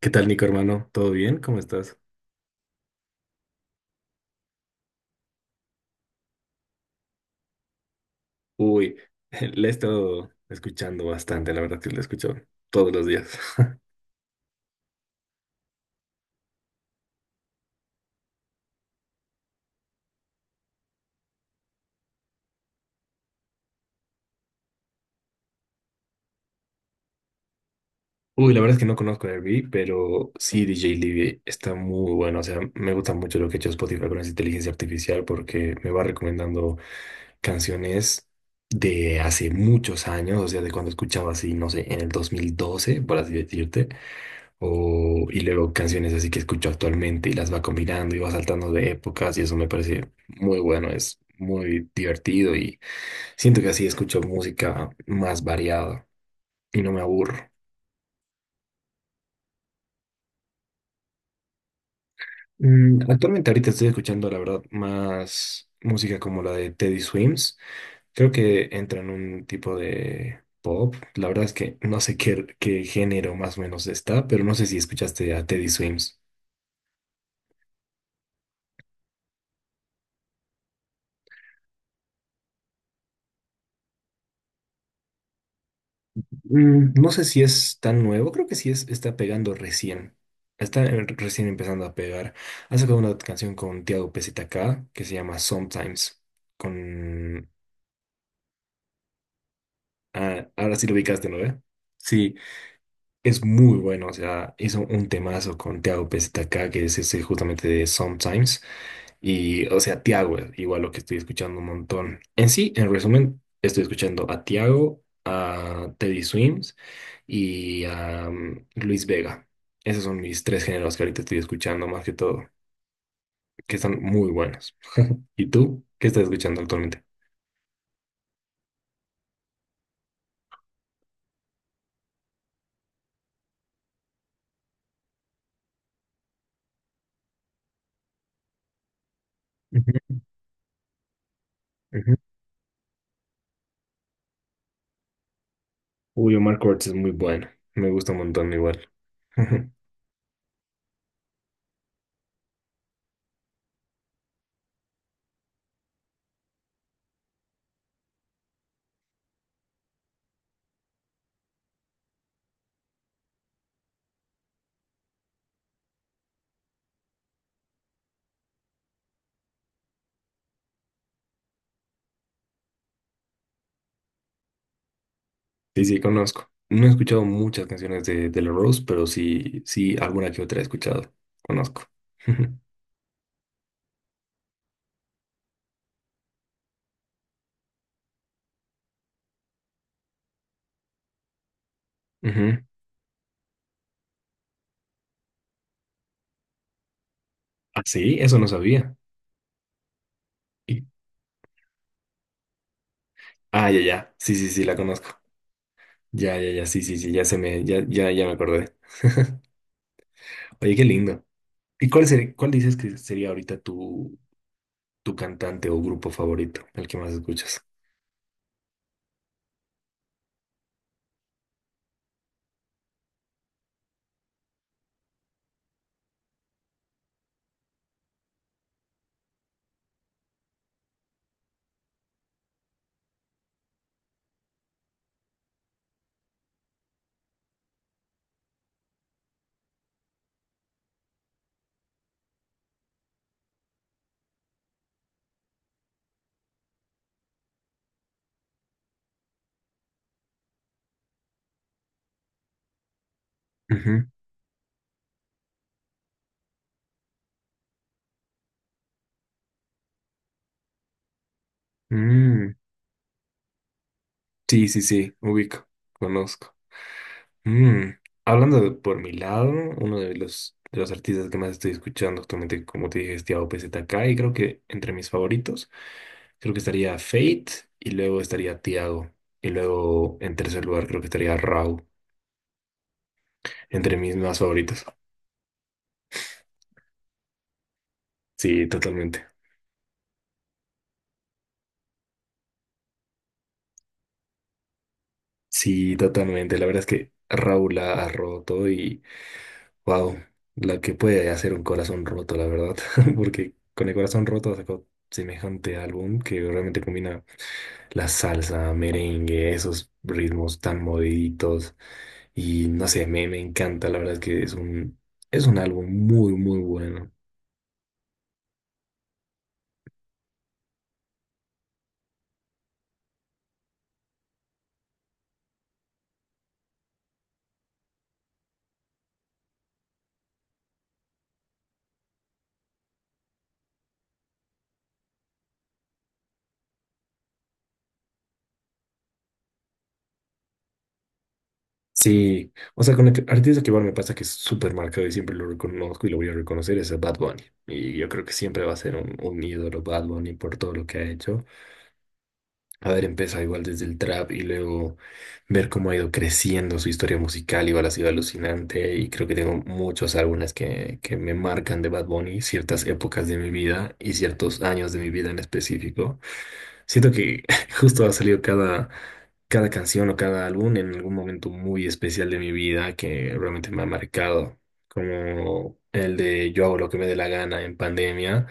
¿Qué tal, Nico, hermano? ¿Todo bien? ¿Cómo estás? Uy, la he estado escuchando bastante, la verdad que la escucho todos los días. Uy, la verdad es que no conozco Airbnb, pero sí, DJ Libby está muy bueno. O sea, me gusta mucho lo que ha hecho Spotify con esa inteligencia artificial porque me va recomendando canciones de hace muchos años, o sea, de cuando escuchaba así, no sé, en el 2012, por así decirte, o, y luego canciones así que escucho actualmente y las va combinando y va saltando de épocas y eso me parece muy bueno, es muy divertido y siento que así escucho música más variada y no me aburro. Actualmente ahorita estoy escuchando, la verdad, más música como la de Teddy Swims. Creo que entra en un tipo de pop. La verdad es que no sé qué género más o menos está, pero no sé si escuchaste a Teddy Swims. Mm, no sé si es tan nuevo, creo que sí es, está pegando recién. Está recién empezando a pegar. Ha sacado una canción con Tiago PZK que se llama Sometimes. Con... Ah, ahora sí lo ubicaste, ¿no? ¿Ve? Sí. Es muy bueno, o sea, hizo un temazo con Tiago acá que es ese justamente de Sometimes. Y, o sea, Tiago es igual lo que estoy escuchando un montón. En sí, en resumen, estoy escuchando a Tiago, a Teddy Swims y a Luis Vega. Esos son mis tres géneros que ahorita estoy escuchando más que todo, que están muy buenos. ¿Y tú? ¿Qué estás escuchando actualmente? Ujú, ujú. Uy, Omar Courtz es muy bueno. Me gusta un montón igual. Sí, sí, conozco. No he escuchado muchas canciones de La Rose, pero sí, sí, alguna que otra he escuchado. Conozco. Ujú. Ah, sí, eso no sabía. Y- ah, ya, ya. Sí, sí, sí, la conozco. Ya, ya, ya, sí, sí, sí, ya se me, ya, ya, ya me acordé. Oye, qué lindo. ¿Y cuál ser- cuál dices que sería ahorita tu, tu cantante o grupo favorito, el que más escuchas? Ujú. Mm. Sí, sí, sí, ubico, conozco. Mm. Hablando de- por mi lado, uno de los artistas que más estoy escuchando actualmente, como te dije, es Tiago PZK, y creo que entre mis favoritos, creo que estaría Fate, y luego estaría Tiago, y luego en tercer lugar creo que estaría Rau, entre mis más favoritos. Sí, totalmente. Sí, totalmente. La verdad es que Raúl la ha roto y wow, la que puede hacer un corazón roto, la verdad, porque con el corazón roto sacó semejante álbum que realmente combina la salsa, merengue, esos ritmos tan moviditos. Y no sé, me encanta, la verdad es que es es un álbum muy, muy bueno. Sí, o sea, con el que- artista que igual me pasa que es súper marcado y siempre lo reconozco y lo voy a reconocer es a Bad Bunny. Y yo creo que siempre va a ser un ídolo Bad Bunny por todo lo que ha hecho. Haber empezado igual desde el trap y luego ver cómo ha ido creciendo su historia musical, igual ha sido alucinante y creo que tengo muchos álbumes que me marcan de Bad Bunny, ciertas épocas de mi vida y ciertos años de mi vida en específico. Siento que justo ha salido cada, cada canción o cada álbum en algún momento muy especial de mi vida que realmente me ha marcado, como el de Yo hago lo que me dé la gana en pandemia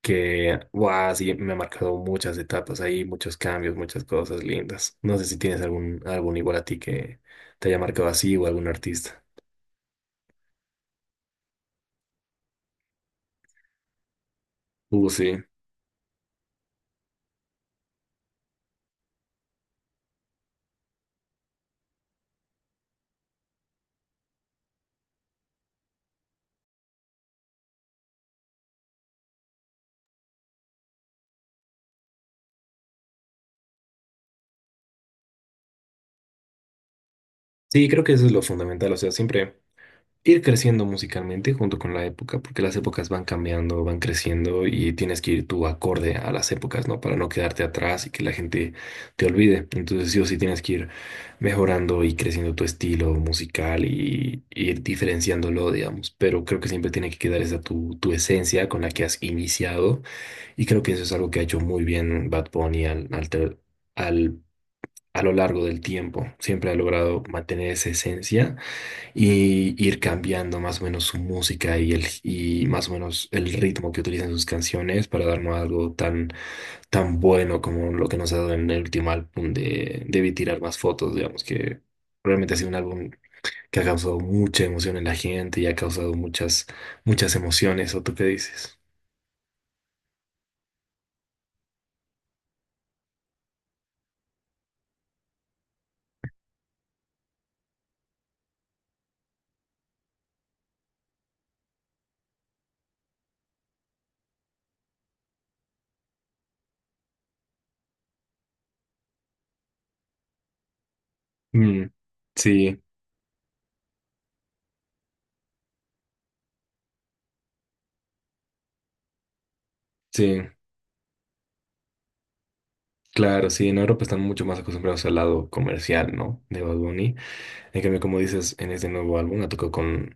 que, wow, sí, me ha marcado muchas etapas ahí, muchos cambios, muchas cosas lindas. No sé si tienes algún álbum igual a ti que te haya marcado así o algún artista. Sí. Sí, creo que eso es lo fundamental, o sea, siempre. Ir creciendo musicalmente junto con la época, porque las épocas van cambiando, van creciendo y tienes que ir tú acorde a las épocas, ¿no? Para no quedarte atrás y que la gente te olvide. Entonces sí o sí tienes que ir mejorando y creciendo tu estilo musical y ir diferenciándolo, digamos. Pero creo que siempre tiene que quedar esa tu esencia con la que has iniciado y creo que eso es algo que ha hecho muy bien Bad Bunny al- a lo largo del tiempo. Siempre ha logrado mantener esa esencia y ir cambiando más o menos su música y más o menos el ritmo que utilizan sus canciones para darnos algo tan, tan bueno como lo que nos ha dado en el último álbum de Debí tirar más fotos, digamos que realmente ha sido un álbum que ha causado mucha emoción en la gente y ha causado muchas, muchas emociones, ¿o tú qué dices? Mm, sí, sí. Claro, sí, en Europa están mucho más acostumbrados al lado comercial, ¿no? De Bad Bunny. En cambio, como dices, en este nuevo álbum ha tocado con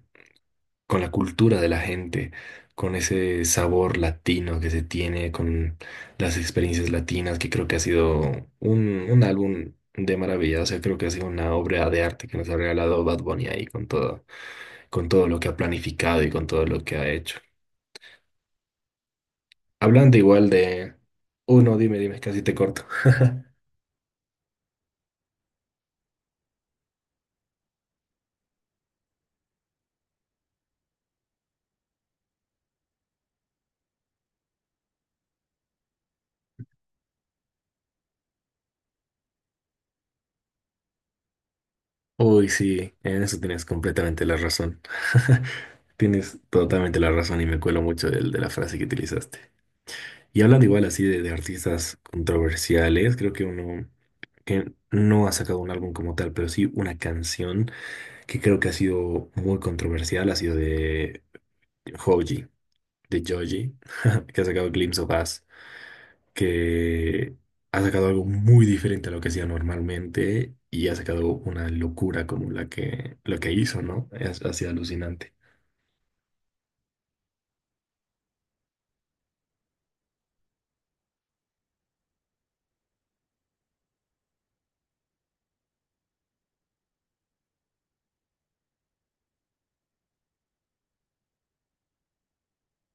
la cultura de la gente, con ese sabor latino que se tiene, con las experiencias latinas, que creo que ha sido un álbum de maravilla. O sea, creo que ha sido una obra de arte que nos ha regalado Bad Bunny ahí con todo lo que ha planificado y con todo lo que ha hecho. Hablando igual de... Uy, no, dime, dime, casi te corto. Uy, sí, en eso tienes completamente la razón. Tienes totalmente la razón y me cuelo mucho del- de la frase que utilizaste. Y hablando igual así de artistas controversiales, creo que uno que no ha sacado un álbum como tal, pero sí una canción que creo que ha sido muy controversial, ha sido Joji, de Joji, que ha sacado Glimpse of Us, que ha sacado algo muy diferente a lo que hacía normalmente y ha sacado una locura como la que, lo que hizo, ¿no? Es, ha sido alucinante.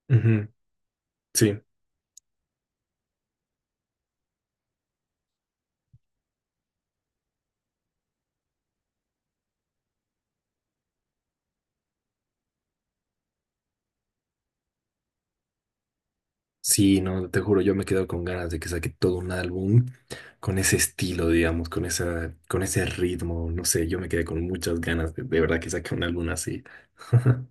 Ujú. Sí. Sí, no, te juro, yo me quedo con ganas de que saque todo un álbum con ese estilo, digamos, con esa, con ese ritmo, no sé, yo me quedé con muchas ganas de verdad que saque un álbum así.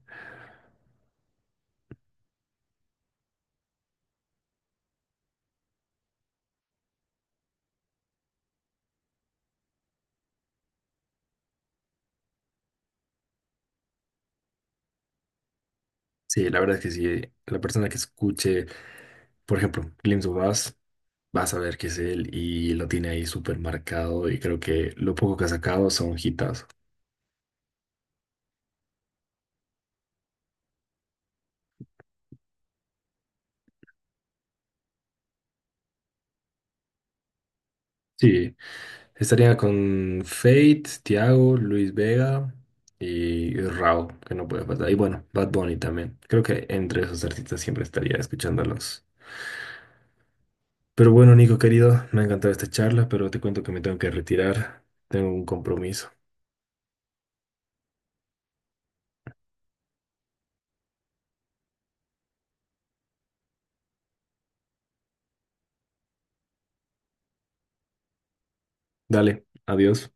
Sí, la verdad es que sí, la persona que escuche, por ejemplo, Glimpse of Us, va a saber que es él y lo tiene ahí súper marcado y creo que lo poco que ha sacado son hitas. Sí. Estaría con Fate, Tiago, Luis Vega y Rao, que no puede faltar. Y bueno, Bad Bunny también. Creo que entre esos artistas siempre estaría escuchándolos. Pero bueno, Nico querido, me ha encantado esta charla, pero te cuento que me tengo que retirar. Tengo un compromiso. Dale, adiós.